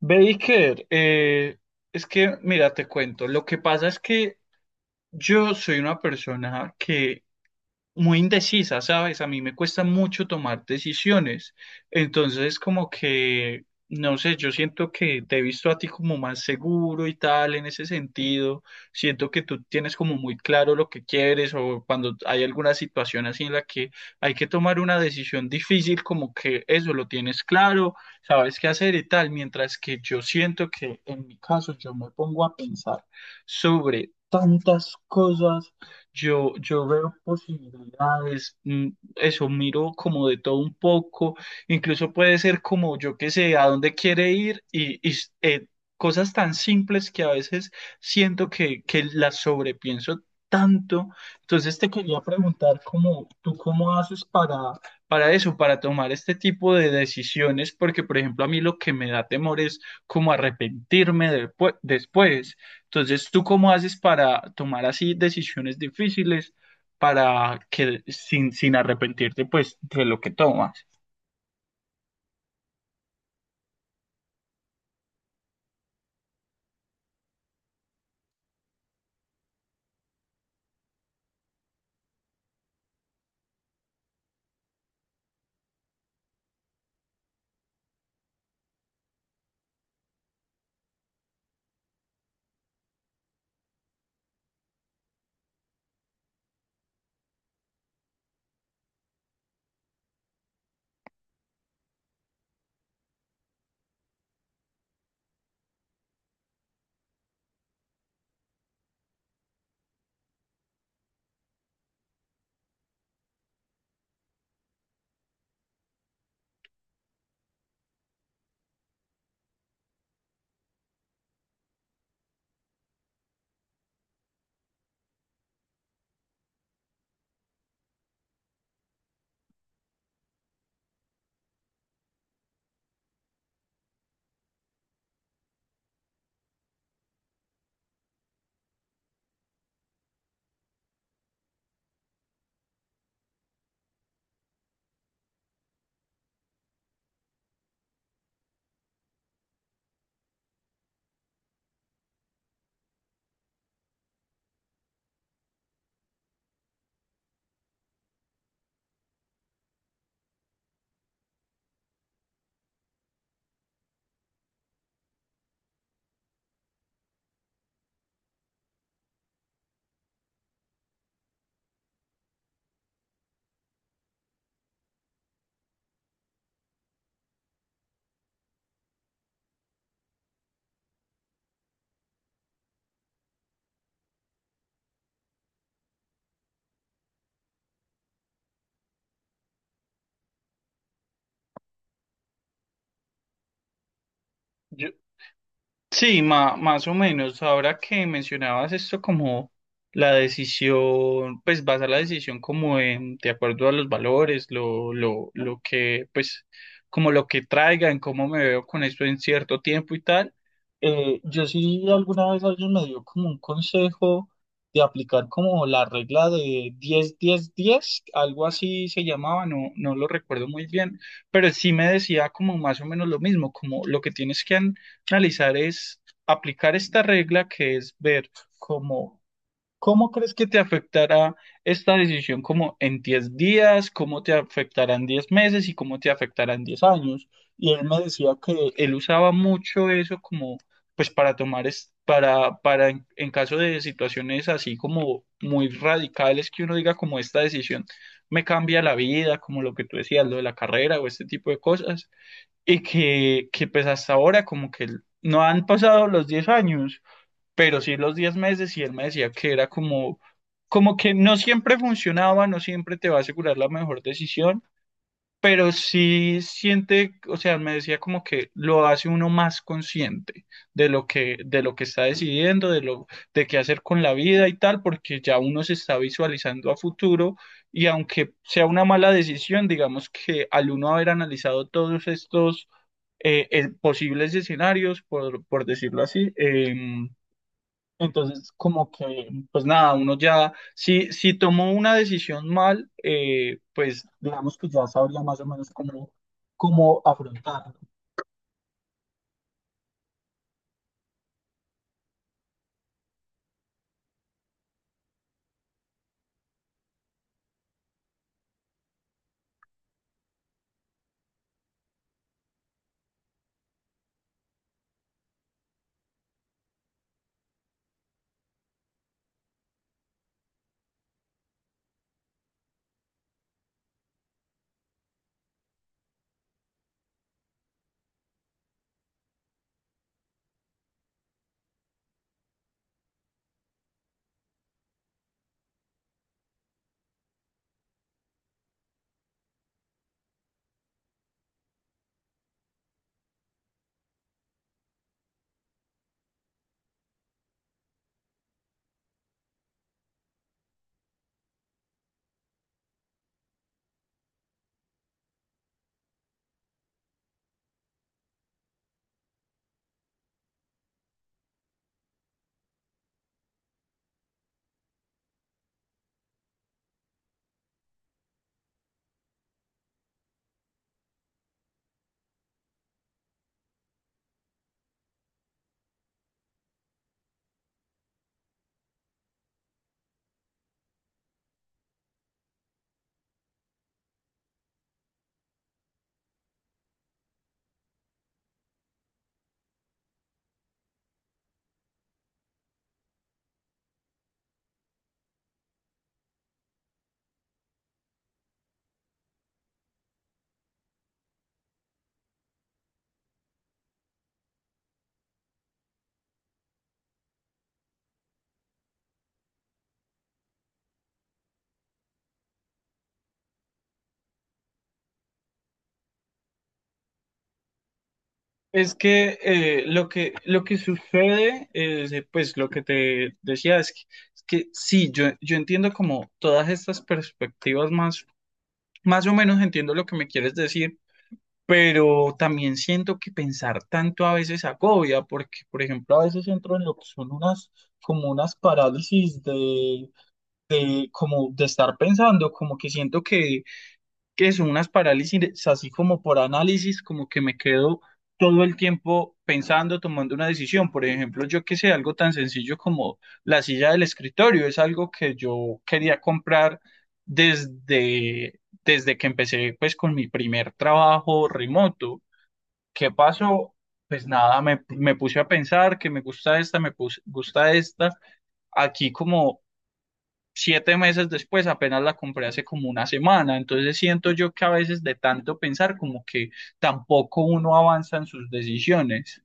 Baker, eh, es que, mira, te cuento, lo que pasa es que yo soy una persona que muy indecisa, ¿sabes? A mí me cuesta mucho tomar decisiones. Entonces, como que, no sé, yo siento que te he visto a ti como más seguro y tal en ese sentido. Siento que tú tienes como muy claro lo que quieres o cuando hay alguna situación así en la que hay que tomar una decisión difícil, como que eso lo tienes claro, sabes qué hacer y tal. Mientras que yo siento que en mi caso yo me pongo a pensar sobre tantas cosas. Yo veo posibilidades, eso miro como de todo un poco, incluso puede ser como yo que sé, a dónde quiere ir cosas tan simples que a veces siento que las sobrepienso tanto. Entonces te quería preguntar tú cómo haces para eso, para tomar este tipo de decisiones, porque por ejemplo a mí lo que me da temor es como arrepentirme después. Entonces, ¿tú cómo haces para tomar así decisiones difíciles para que sin arrepentirte pues de lo que tomas? Yo, Sí, más o menos. Ahora que mencionabas esto como la decisión, pues basar la decisión como en, de acuerdo a los valores, lo que, pues, como lo que traigan, cómo me veo con esto en cierto tiempo y tal. Yo sí alguna vez alguien me dio como un consejo de aplicar como la regla de 10 10 10, algo así se llamaba, no, no lo recuerdo muy bien, pero sí me decía como más o menos lo mismo, como lo que tienes que analizar es aplicar esta regla que es ver cómo, cómo crees que te afectará esta decisión como en 10 días, cómo te afectará en 10 meses y cómo te afectará en 10 años. Y él me decía que él usaba mucho eso como pues para tomar en caso de situaciones así como muy radicales que uno diga como esta decisión me cambia la vida, como lo que tú decías, lo de la carrera o este tipo de cosas y que pues hasta ahora como que no han pasado los 10 años, pero sí los 10 meses y él me decía que era como que no siempre funcionaba, no siempre te va a asegurar la mejor decisión pero sí siente, o sea, me decía como que lo hace uno más consciente de lo que está decidiendo, de qué hacer con la vida y tal, porque ya uno se está visualizando a futuro y aunque sea una mala decisión, digamos que al uno haber analizado todos estos posibles escenarios, por decirlo así, entonces, como que, pues nada, uno ya, si tomó una decisión mal, pues digamos que ya sabría más o menos cómo afrontarlo. Es que lo que sucede, pues lo que te decía es que sí, yo entiendo como todas estas perspectivas más o menos entiendo lo que me quieres decir. Pero también siento que pensar tanto a veces agobia, porque, por ejemplo, a veces entro en lo que son como unas parálisis como de estar pensando, como que siento que son unas parálisis así como por análisis, como que me quedo todo el tiempo pensando, tomando una decisión. Por ejemplo, yo que sé, algo tan sencillo como la silla del escritorio, es algo que yo quería comprar desde que empecé pues con mi primer trabajo remoto. ¿Qué pasó? Pues nada, me puse a pensar que me gusta esta, gusta esta. Aquí como 7 meses después, apenas la compré hace como una semana. Entonces siento yo que a veces de tanto pensar como que tampoco uno avanza en sus decisiones.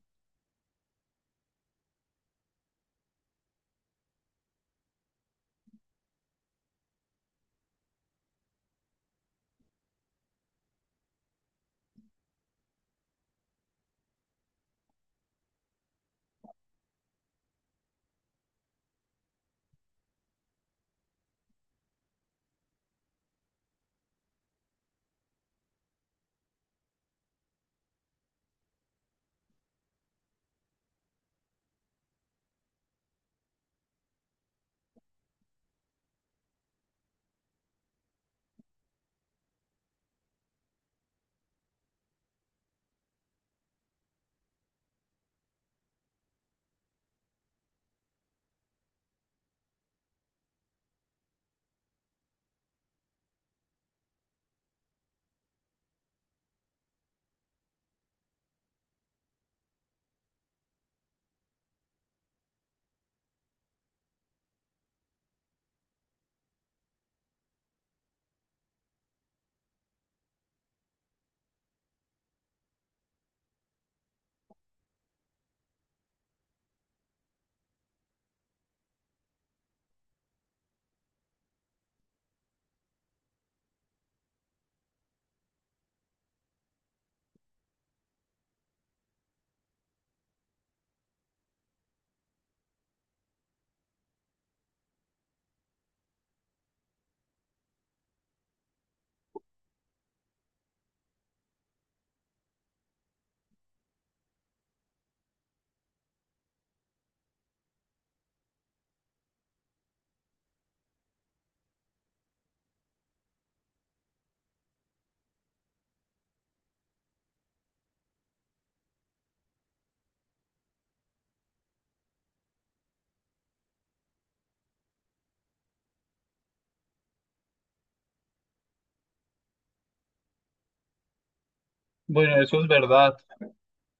Bueno, eso es verdad.